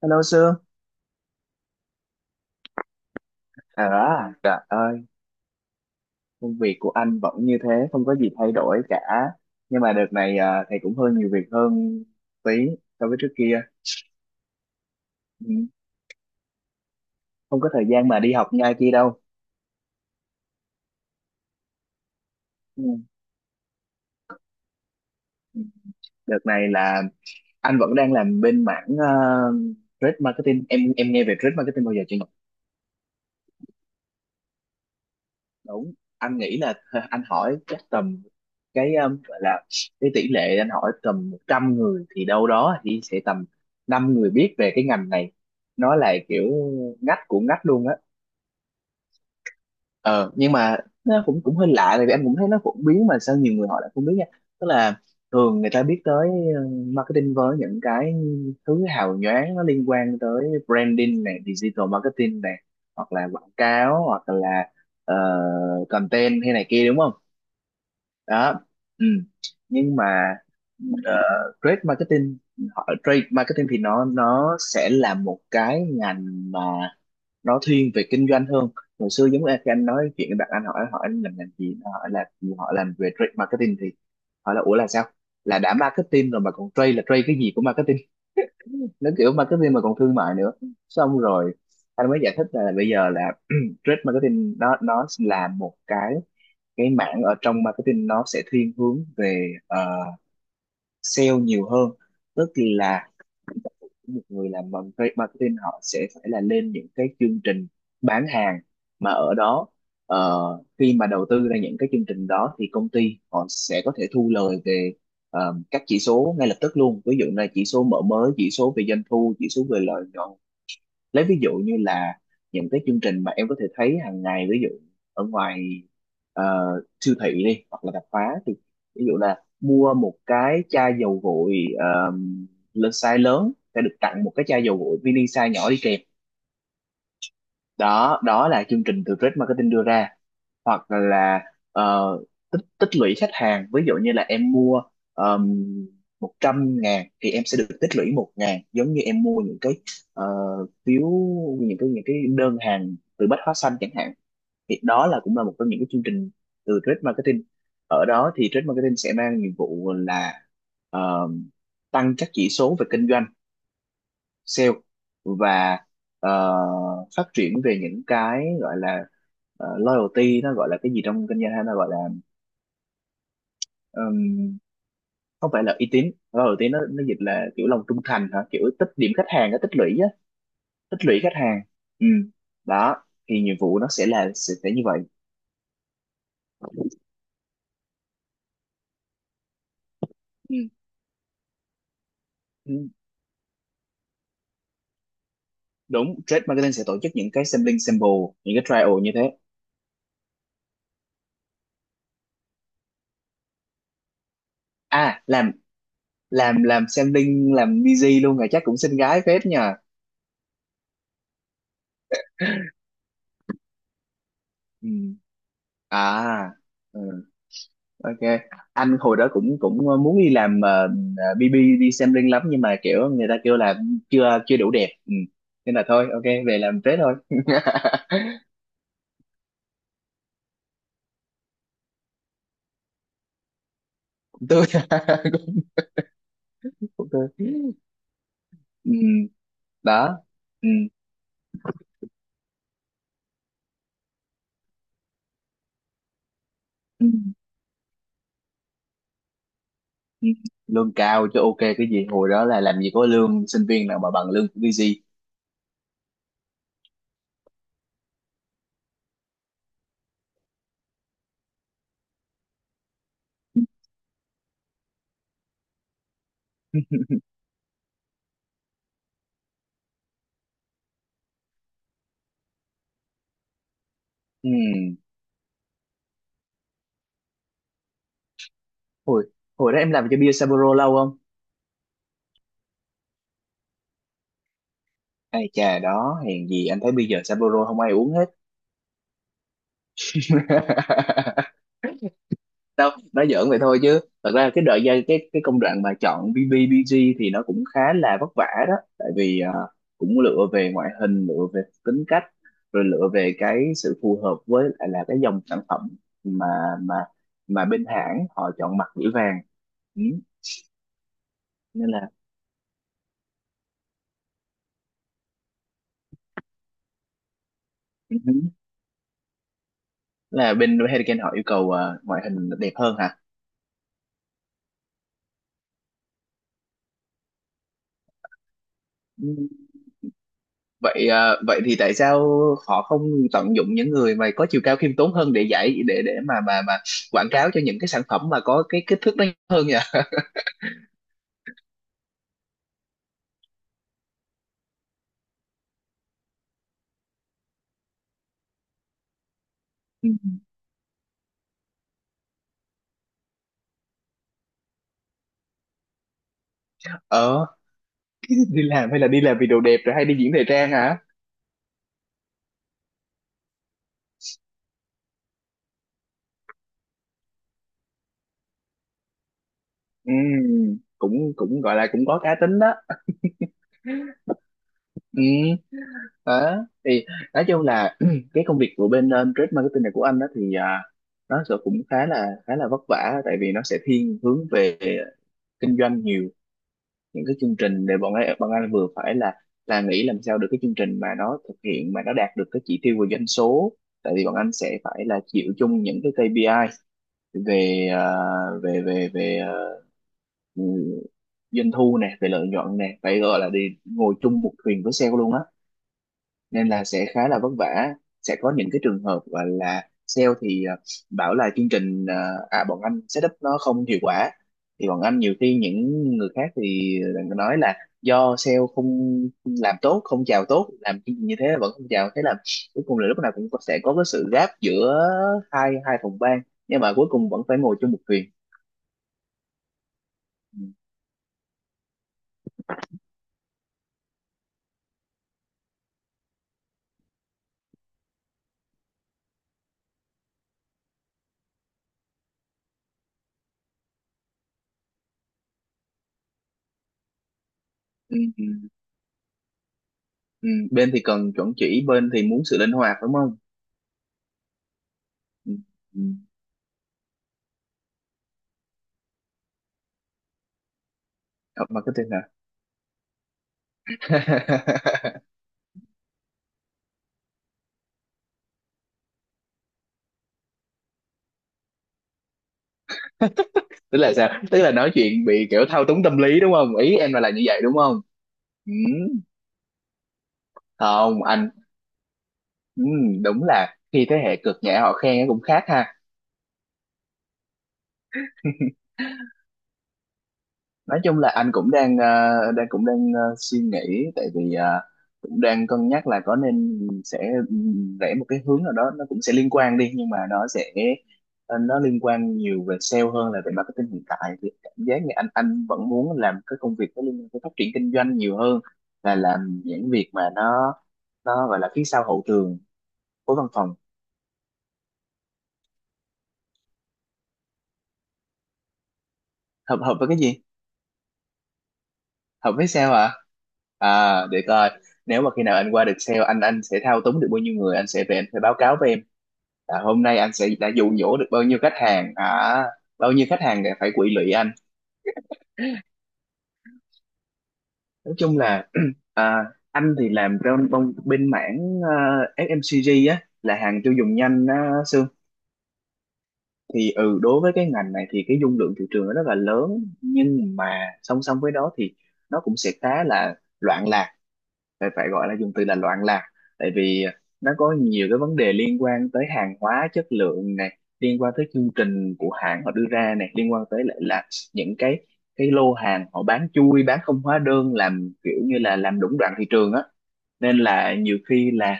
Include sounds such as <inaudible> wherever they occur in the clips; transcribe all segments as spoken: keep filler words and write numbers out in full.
Hello Sương. À, Trời ơi, công việc của anh vẫn như thế, không có gì thay đổi cả. Nhưng mà đợt này à, thầy cũng hơi nhiều việc hơn tí so với trước kia. Ừ. Không có thời gian mà đi học ngay kia đâu. Ừ. Đợt này là anh vẫn đang làm bên mảng à, trade marketing. Em em nghe về trade marketing bao giờ chưa? Đúng, anh nghĩ là <laughs> anh hỏi chắc tầm cái um, gọi là cái tỷ lệ anh hỏi tầm một trăm người thì đâu đó thì sẽ tầm năm người biết về cái ngành này. Nó là kiểu ngách của ngách luôn á. ờ nhưng mà nó cũng cũng hơi lạ tại vì anh cũng thấy nó phổ biến mà sao nhiều người họ lại không biết nha. Tức là thường người ta biết tới ờ, marketing với những cái thứ hào nhoáng, nó liên quan tới branding này, digital marketing này, hoặc là quảng cáo, hoặc là ờ, content hay này kia, đúng không? Đó. Ừ. Nhưng mà ờ, trade marketing, họ trade marketing thì nó nó sẽ là một cái ngành mà nó thiên về kinh doanh hơn. Hồi xưa giống như khi anh nói chuyện với bạn, anh hỏi hỏi anh làm ngành gì. Nó hỏi là gì? Họ làm về trade marketing thì hỏi là ủa là sao, là đã marketing rồi mà còn trade, là trade cái gì của marketing? Nó kiểu marketing mà còn thương mại nữa. Xong rồi anh mới giải thích là bây giờ là <clears throat> trade marketing nó nó là một cái cái mảng ở trong marketing, nó sẽ thiên hướng về ờ, sale nhiều hơn. Tức là một người làm marketing họ sẽ phải là lên những cái chương trình bán hàng mà ở đó, ờ, khi mà đầu tư ra những cái chương trình đó thì công ty họ sẽ có thể thu lời về ờ, các chỉ số ngay lập tức luôn, ví dụ là chỉ số mở mới, chỉ số về doanh thu, chỉ số về lợi nhuận. Lấy ví dụ như là những cái chương trình mà em có thể thấy hàng ngày, ví dụ ở ngoài ờ, siêu thị đi, hoặc là tạp hóa, thì ví dụ là mua một cái chai dầu gội ờ, lớn, size lớn sẽ được tặng một cái chai dầu gội mini size nhỏ đi kèm. Đó, đó là chương trình từ Red Marketing đưa ra. Hoặc là ờ, tích tích lũy khách hàng, ví dụ như là em mua um, một trăm ngàn thì em sẽ được tích lũy một ngàn, giống như em mua những cái ờ, phiếu, những cái những cái đơn hàng từ Bách Hóa Xanh chẳng hạn. Thì đó là cũng là một trong những cái chương trình từ trade marketing. Ở đó thì trade marketing sẽ mang nhiệm vụ là ờ, tăng các chỉ số về kinh doanh, sale, và ờ, phát triển về những cái gọi là ờ, loyalty. Nó gọi là cái gì trong kinh doanh, hay nó gọi là ừm, không phải là uy tín, loyalty nó nó dịch là kiểu lòng trung thành hả, kiểu tích điểm khách hàng nó tích lũy á, tích lũy khách hàng. Ừ. Đó thì nhiệm vụ nó sẽ là sẽ, sẽ như vậy. Ừ. Ừ, đúng, trade marketing sẽ tổ chức những cái sampling, sample, những cái trial như thế. À, làm, làm làm sampling, làm busy luôn rồi, chắc cũng xinh gái phết nhờ. Ừ. À. Ừ. Ok, anh hồi đó cũng cũng ờ, muốn đi làm ờ, ờ, bê bê, đi xem riêng lắm, nhưng mà kiểu người ta kêu là chưa chưa đủ đẹp. Ừ. Nên là thôi, ok về làm thế thôi. <laughs> Tôi <laughs> cũng cũng tôi. Ừ. Đó. Ừ. Ừ. Ừ. Lương cao chứ, ok cái gì, hồi đó là làm gì có lương sinh viên nào mà bằng lương của bê giê. <laughs> Ừ. hồi hồi đó em làm cho bia Sapporo lâu không? Ai chà, đó hèn gì anh thấy bây giờ Sapporo không ai uống hết. <laughs> Đâu, nói giỡn vậy thôi, chứ thật ra cái đợi giai cái cái công đoạn mà chọn bi bi bi gi thì nó cũng khá là vất vả đó, tại vì à, cũng lựa về ngoại hình, lựa về tính cách, rồi lựa về cái sự phù hợp với lại là cái dòng sản phẩm mà mà mà bên hãng họ chọn mặt gửi vàng. Ừ. Nên là <laughs> ừ. Là bên Hurricane họ yêu cầu à, ngoại hình đẹp hơn hả? Ừ. Vậy à, vậy thì tại sao họ không tận dụng những người mà có chiều cao khiêm tốn hơn để giải để để mà mà mà quảng cáo cho những cái sản phẩm mà có cái kích thước nó hơn nhỉ? Ừ. Ờ, đi làm, hay là đi làm vì đồ đẹp rồi, hay đi diễn thời trang hả? Ừ, cũng cũng gọi là cũng có cá tính đó. Ừ. Đó. Thì nói chung là <clears throat> cái công việc của bên ờ, trade marketing này của anh đó thì à, nó sẽ cũng khá là khá là vất vả, tại vì nó sẽ thiên hướng về kinh doanh nhiều. Những cái chương trình để bọn ấy bọn anh vừa phải là là nghĩ làm sao được cái chương trình mà nó thực hiện mà nó đạt được cái chỉ tiêu về doanh số. Tại vì bọn anh sẽ phải là chịu chung những cái ca pê i về ờ, về về về ờ, ừ, doanh thu nè, về lợi nhuận nè, phải gọi là đi ngồi chung một thuyền với sale luôn á. Nên là sẽ khá là vất vả. Sẽ có những cái trường hợp gọi là sale thì ờ, bảo là chương trình ờ, à bọn anh setup nó không hiệu quả, thì bọn anh nhiều khi những người khác thì nói là do sale không làm tốt, không chào tốt, làm chương trình như thế mà vẫn không chào. Thế là cuối cùng là lúc nào cũng có- sẽ có cái sự gap giữa hai hai phòng ban, nhưng mà cuối cùng vẫn phải ngồi chung một thuyền. Ừ. Ừ. Ừ. Ừ, bên thì cần chuẩn chỉ, bên thì muốn sự linh hoạt, đúng không? Ừ. Ừ. Học marketing hả? <laughs> Tức là sao, tức là nói chuyện bị kiểu thao túng tâm lý đúng không, ý em là là như vậy đúng không? Ừ, không anh. Ừ, đúng là khi thế hệ cực nhẹ họ khen cũng khác ha. Nói chung là anh cũng đang ờ, đang cũng đang ờ, suy nghĩ, tại vì ờ, cũng đang cân nhắc là có nên sẽ rẽ một cái hướng nào đó, nó cũng sẽ liên quan đi, nhưng mà nó sẽ ờ, nó liên quan nhiều về sale hơn là về marketing. Hiện tại thì cảm giác như anh anh vẫn muốn làm cái công việc nó liên quan tới phát triển kinh doanh nhiều hơn là làm những việc mà nó nó gọi là phía sau hậu trường của văn phòng. Hợp, hợp với cái gì? Học biết sale hả? À, để coi. Nếu mà khi nào anh qua được sale, anh anh sẽ thao túng được bao nhiêu người, anh sẽ về anh phải báo cáo với em. Là hôm nay anh sẽ đã dụ dỗ được bao nhiêu khách hàng, à, bao nhiêu khách hàng để phải quỵ lụy anh. Nói chung là <clears throat> à, anh thì làm trong bên, bên mảng à, ép em xê giê á, là hàng tiêu dùng nhanh á, Sương. Thì ừ, đối với cái ngành này thì cái dung lượng thị trường nó rất là lớn, nhưng mà song song với đó thì nó cũng sẽ khá là loạn lạc, phải phải gọi là dùng từ là loạn lạc. Tại vì nó có nhiều cái vấn đề liên quan tới hàng hóa chất lượng này, liên quan tới chương trình của hãng họ đưa ra này, liên quan tới lại là những cái cái lô hàng họ bán chui bán không hóa đơn, làm kiểu như là làm lũng đoạn thị trường á. Nên là nhiều khi là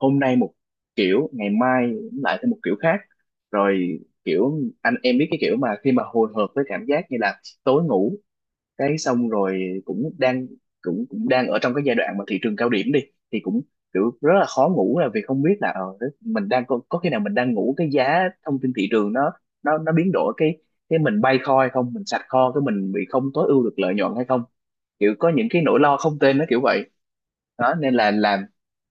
hôm nay một kiểu, ngày mai lại thêm một kiểu khác. Rồi kiểu anh em biết cái kiểu mà khi mà hồi hộp với cảm giác như là tối ngủ cái xong rồi cũng đang cũng cũng đang ở trong cái giai đoạn mà thị trường cao điểm đi thì cũng kiểu rất là khó ngủ. Là vì không biết là ờ, mình đang có, có khi nào mình đang ngủ cái giá thông tin thị trường nó nó nó biến đổi, cái cái mình bay kho hay không, mình sạch kho cái mình bị không tối ưu được lợi nhuận hay không, kiểu có những cái nỗi lo không tên nó kiểu vậy. Đó nên là làm,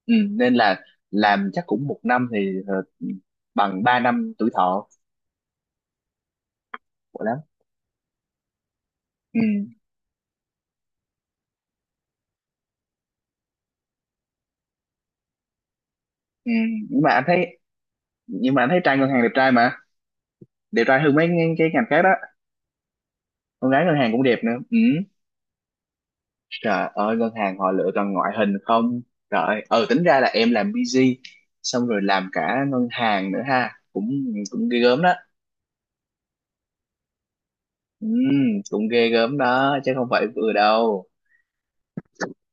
ừ, nên là làm chắc cũng một năm thì ờ, bằng ba năm tuổi thọ của lắm. Ừ. Ừ. Nhưng mà anh thấy, nhưng mà anh thấy trai ngân hàng đẹp trai mà, đẹp trai hơn mấy ng- cái ngành khác đó. Con gái ngân hàng cũng đẹp nữa. Ừ. Trời ơi, ngân hàng họ lựa toàn ngoại hình không. Trời ơi, ờ tính ra là em làm busy xong rồi làm cả ngân hàng nữa ha, cũng cũng ghê gớm đó. Ừ, cũng ghê gớm đó chứ không phải vừa đâu.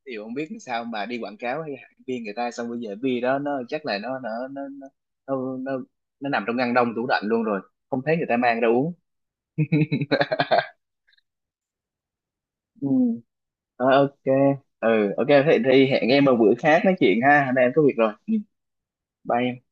Thì không biết sao mà đi quảng cáo hay hãng viên người ta, xong bây giờ vi đó nó chắc là nó nó nó nó nó, nó, nó nằm trong ngăn đông tủ lạnh luôn rồi, không thấy người ta mang ra uống. Ừ. Ờ, ok. Ừ ok, thế thì hẹn em một bữa khác nói chuyện ha, hôm nay em có việc rồi, bay.